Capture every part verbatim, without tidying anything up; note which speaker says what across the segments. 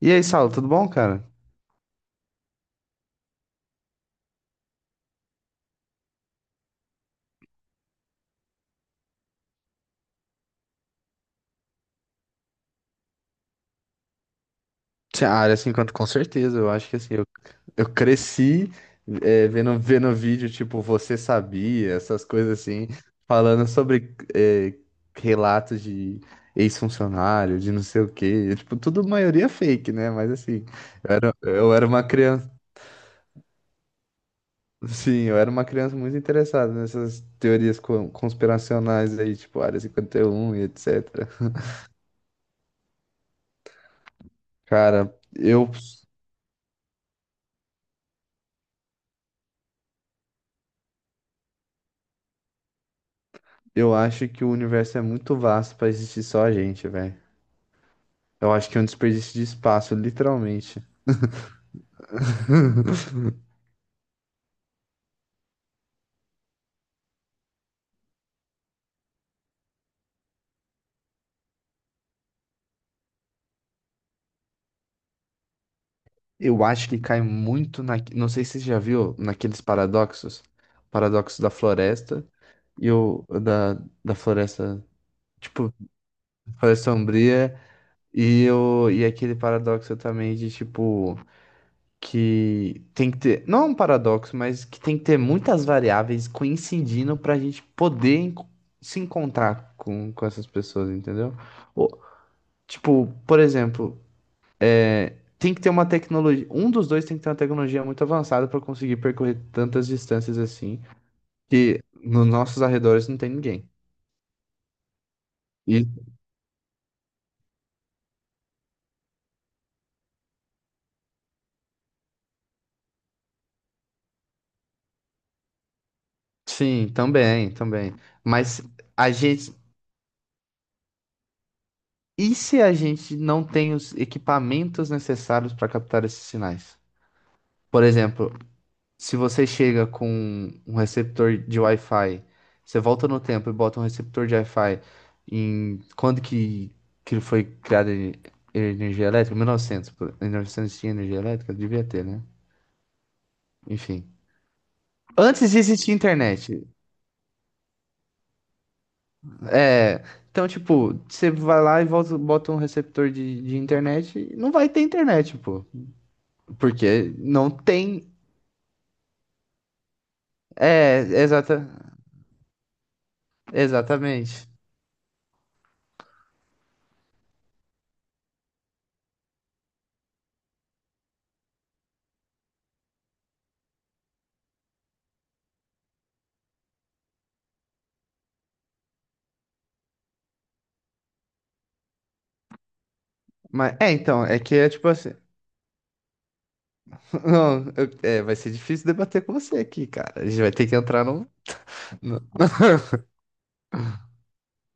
Speaker 1: E aí, Saulo, tudo bom, cara? Sim, a área cinquenta, com certeza. Eu acho que assim, eu, eu cresci é, vendo, vendo vídeo tipo Você Sabia, essas coisas assim, falando sobre é, relatos de ex-funcionário, de não sei o quê. Tipo, tudo maioria fake, né? Mas assim, eu era, eu era uma criança. Sim, eu era uma criança muito interessada nessas teorias con- conspiracionais aí, tipo Área cinquenta e um e etcétera. Cara, eu. Eu acho que o universo é muito vasto pra existir só a gente, velho. Eu acho que é um desperdício de espaço, literalmente. Eu acho que cai muito na. Não sei se você já viu naqueles paradoxos. Paradoxo da floresta e o. Da, da floresta. Tipo, floresta sombria e, o, e aquele paradoxo também de, tipo, que tem que ter. Não é um paradoxo, mas que tem que ter muitas variáveis coincidindo pra gente poder enco- se encontrar com, com essas pessoas, entendeu? O. Tipo, por exemplo, é, tem que ter uma tecnologia. Um dos dois tem que ter uma tecnologia muito avançada para conseguir percorrer tantas distâncias assim, que nos nossos arredores não tem ninguém. E sim, também, também. Mas a gente. E se a gente não tem os equipamentos necessários para captar esses sinais? Por exemplo, se você chega com um receptor de Wi-Fi, você volta no tempo e bota um receptor de Wi-Fi em quando que, que foi criada e- energia elétrica? mil e novecentos. por- mil e novecentos tinha energia elétrica? Devia ter, né? Enfim. Antes de existir internet. É. Então, tipo, você vai lá e volta, bota um receptor de, de internet e não vai ter internet, pô. Porque não tem. É, exata, exatamente. Mas, é, então, é que é tipo assim. Não, eu- é, vai ser difícil debater com você aqui, cara. A gente vai ter que entrar no. No.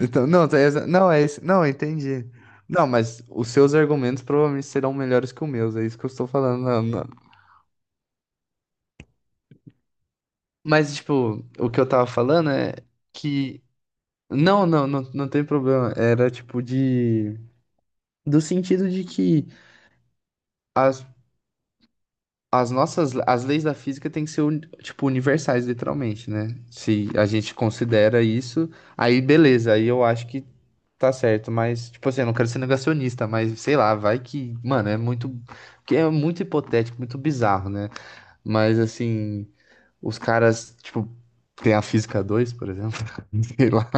Speaker 1: Então, não, tá exa- não, é isso. Não, eu entendi. Não, mas os seus argumentos provavelmente serão melhores que os meus, é isso que eu estou falando. Não, não. Mas, tipo, o que eu tava falando é que. Não, não, não, não tem problema. Era tipo de. Do sentido de que as as nossas, as leis da física têm que ser, uni- tipo, universais, literalmente, né? Se a gente considera isso, aí beleza, aí eu acho que tá certo, mas, tipo assim, eu não quero ser negacionista, mas sei lá, vai que, mano, é muito, que é muito hipotético, muito bizarro, né? Mas, assim, os caras, tipo, tem a física dois por exemplo, sei lá,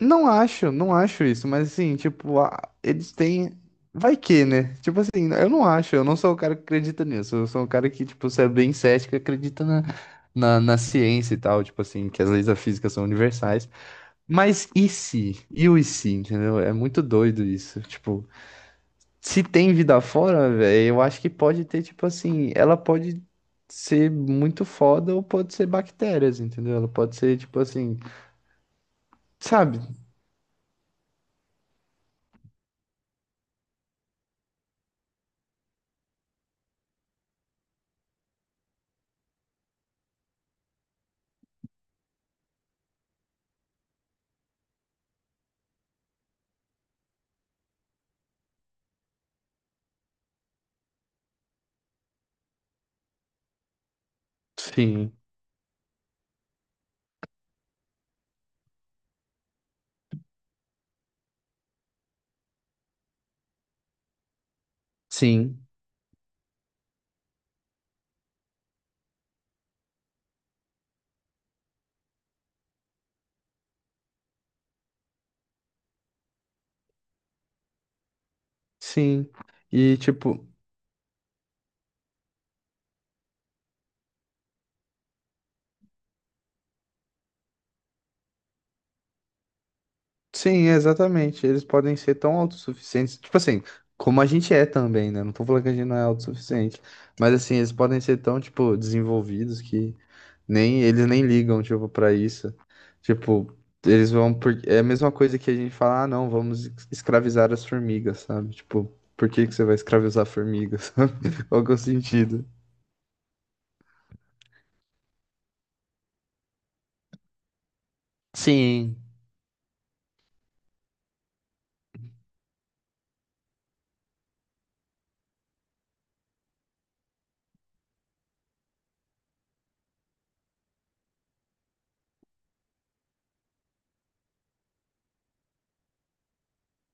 Speaker 1: não acho, não acho isso, mas assim, tipo, a- eles têm. Vai que, né? Tipo assim, eu não acho, eu não sou o cara que acredita nisso. Eu sou o cara que, tipo, se é bem cético, acredita na, na, na ciência e tal, tipo assim, que as leis da física são universais. Mas e se? E o e se, entendeu? É muito doido isso. Tipo, se tem vida fora, velho, eu acho que pode ter, tipo assim, ela pode ser muito foda ou pode ser bactérias, entendeu? Ela pode ser, tipo assim, sabe? Sim, sim. Sim, e tipo, sim, exatamente. Eles podem ser tão autossuficientes, tipo assim, como a gente é também, né? Não tô falando que a gente não é autossuficiente, mas assim, eles podem ser tão, tipo, desenvolvidos que nem eles nem ligam, tipo, pra isso. Tipo, eles vão por. É a mesma coisa que a gente fala, ah, não, vamos es- escravizar as formigas, sabe? Tipo, por que que você vai escravizar formigas, sabe? Qual que é o sentido? Sim,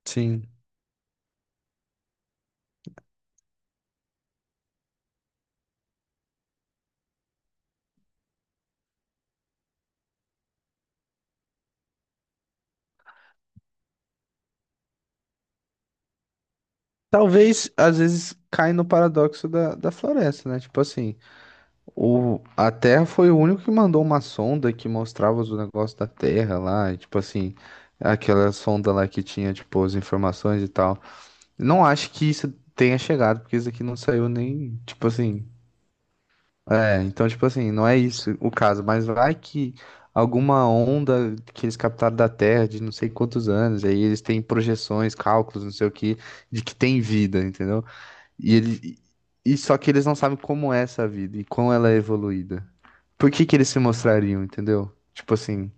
Speaker 1: sim. Talvez, às vezes, cai no paradoxo da, da floresta, né? Tipo assim, o, a Terra foi o único que mandou uma sonda que mostrava os negócios da Terra lá, e, tipo assim, aquela sonda lá que tinha, tipo, as informações e tal. Não acho que isso tenha chegado, porque isso aqui não saiu nem, tipo assim. É, então, tipo assim, não é isso o caso, mas vai que alguma onda que eles captaram da Terra de não sei quantos anos, aí eles têm projeções, cálculos, não sei o que, de que tem vida, entendeu? E, ele, e só que eles não sabem como é essa vida e como ela é evoluída. Por que que eles se mostrariam, entendeu? Tipo assim,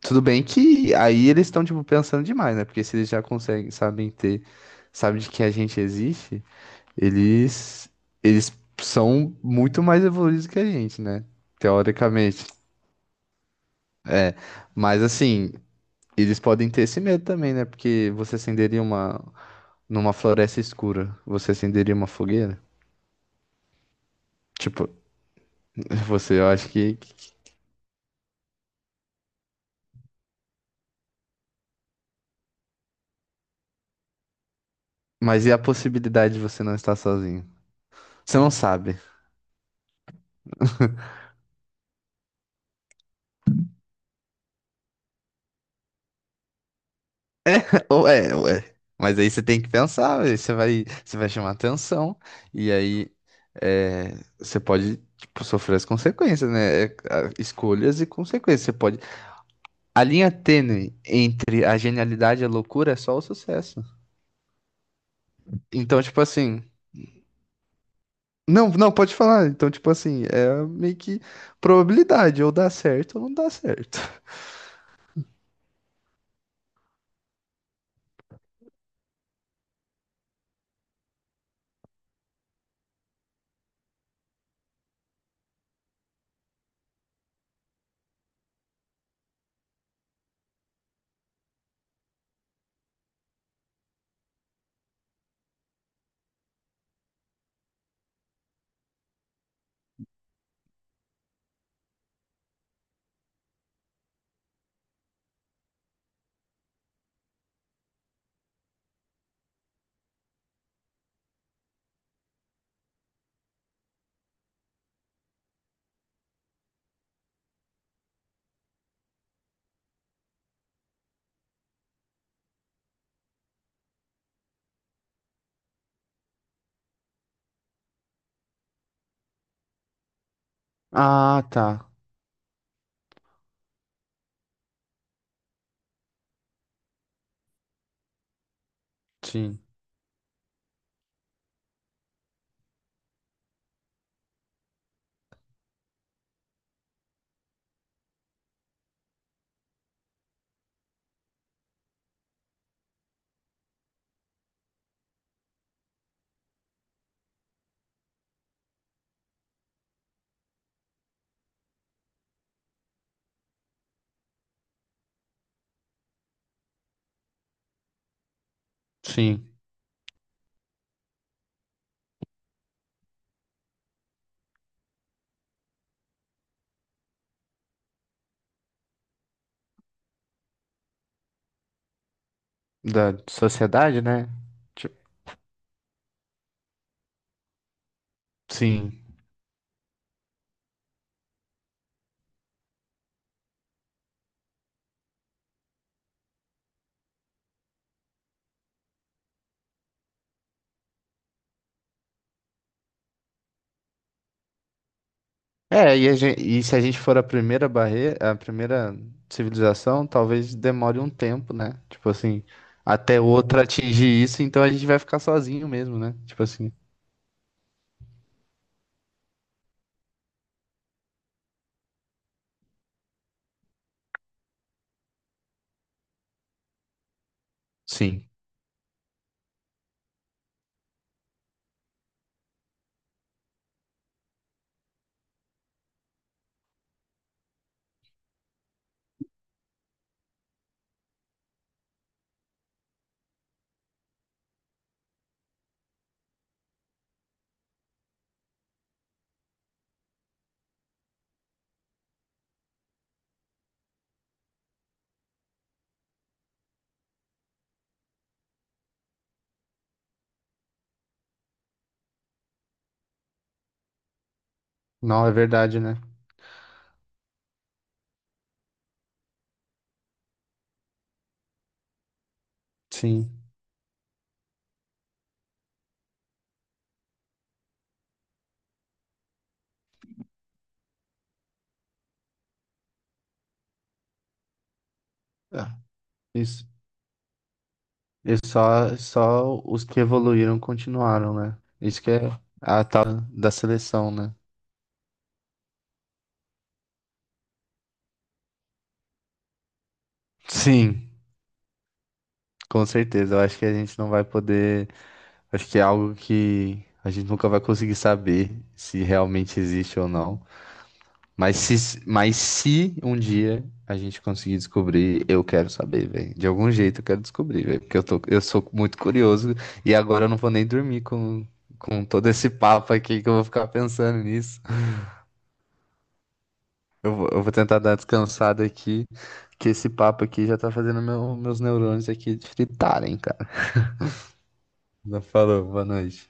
Speaker 1: tudo bem que aí eles estão tipo pensando demais, né? Porque se eles já conseguem, sabem ter, sabem de que a gente existe, eles eles são muito mais evoluídos que a gente, né? Teoricamente. É, mas assim, eles podem ter esse medo também, né? Porque você acenderia uma numa floresta escura, você acenderia uma fogueira? Tipo, você, eu acho que. Mas e a possibilidade de você não estar sozinho? Você não sabe. Ou é, ou é. Mas aí você tem que pensar, aí você vai, você vai chamar atenção, e aí é, você pode, tipo, sofrer as consequências, né? É, a- escolhas e consequências. Você pode. A linha tênue entre a genialidade e a loucura é só o sucesso. Então, tipo assim. Não, não, pode falar. Então, tipo assim, é meio que probabilidade, ou dá certo ou não dá certo. Ah, tá. Sim, sim. Da sociedade, né? Tipo, sim. É, e, a gen- e se a gente for a primeira barreira, a primeira civilização, talvez demore um tempo, né? Tipo assim, até outra atingir isso, então a gente vai ficar sozinho mesmo, né? Tipo assim. Sim. Não, é verdade, né? Sim. É. Isso. E só, só os que evoluíram continuaram, né? Isso que é a tal da seleção, né? Sim, com certeza. Eu acho que a gente não vai poder. Acho que é algo que a gente nunca vai conseguir saber se realmente existe ou não. Mas se, mas se um dia a gente conseguir descobrir, eu quero saber, velho. De algum jeito eu quero descobrir, velho. Porque eu tô, eu sou muito curioso e agora eu não vou nem dormir com, com todo esse papo aqui que eu vou ficar pensando nisso. Eu vou, eu vou tentar dar uma descansada aqui, que esse papo aqui já tá fazendo meu- meus neurônios aqui fritarem, cara. Já falou, boa noite.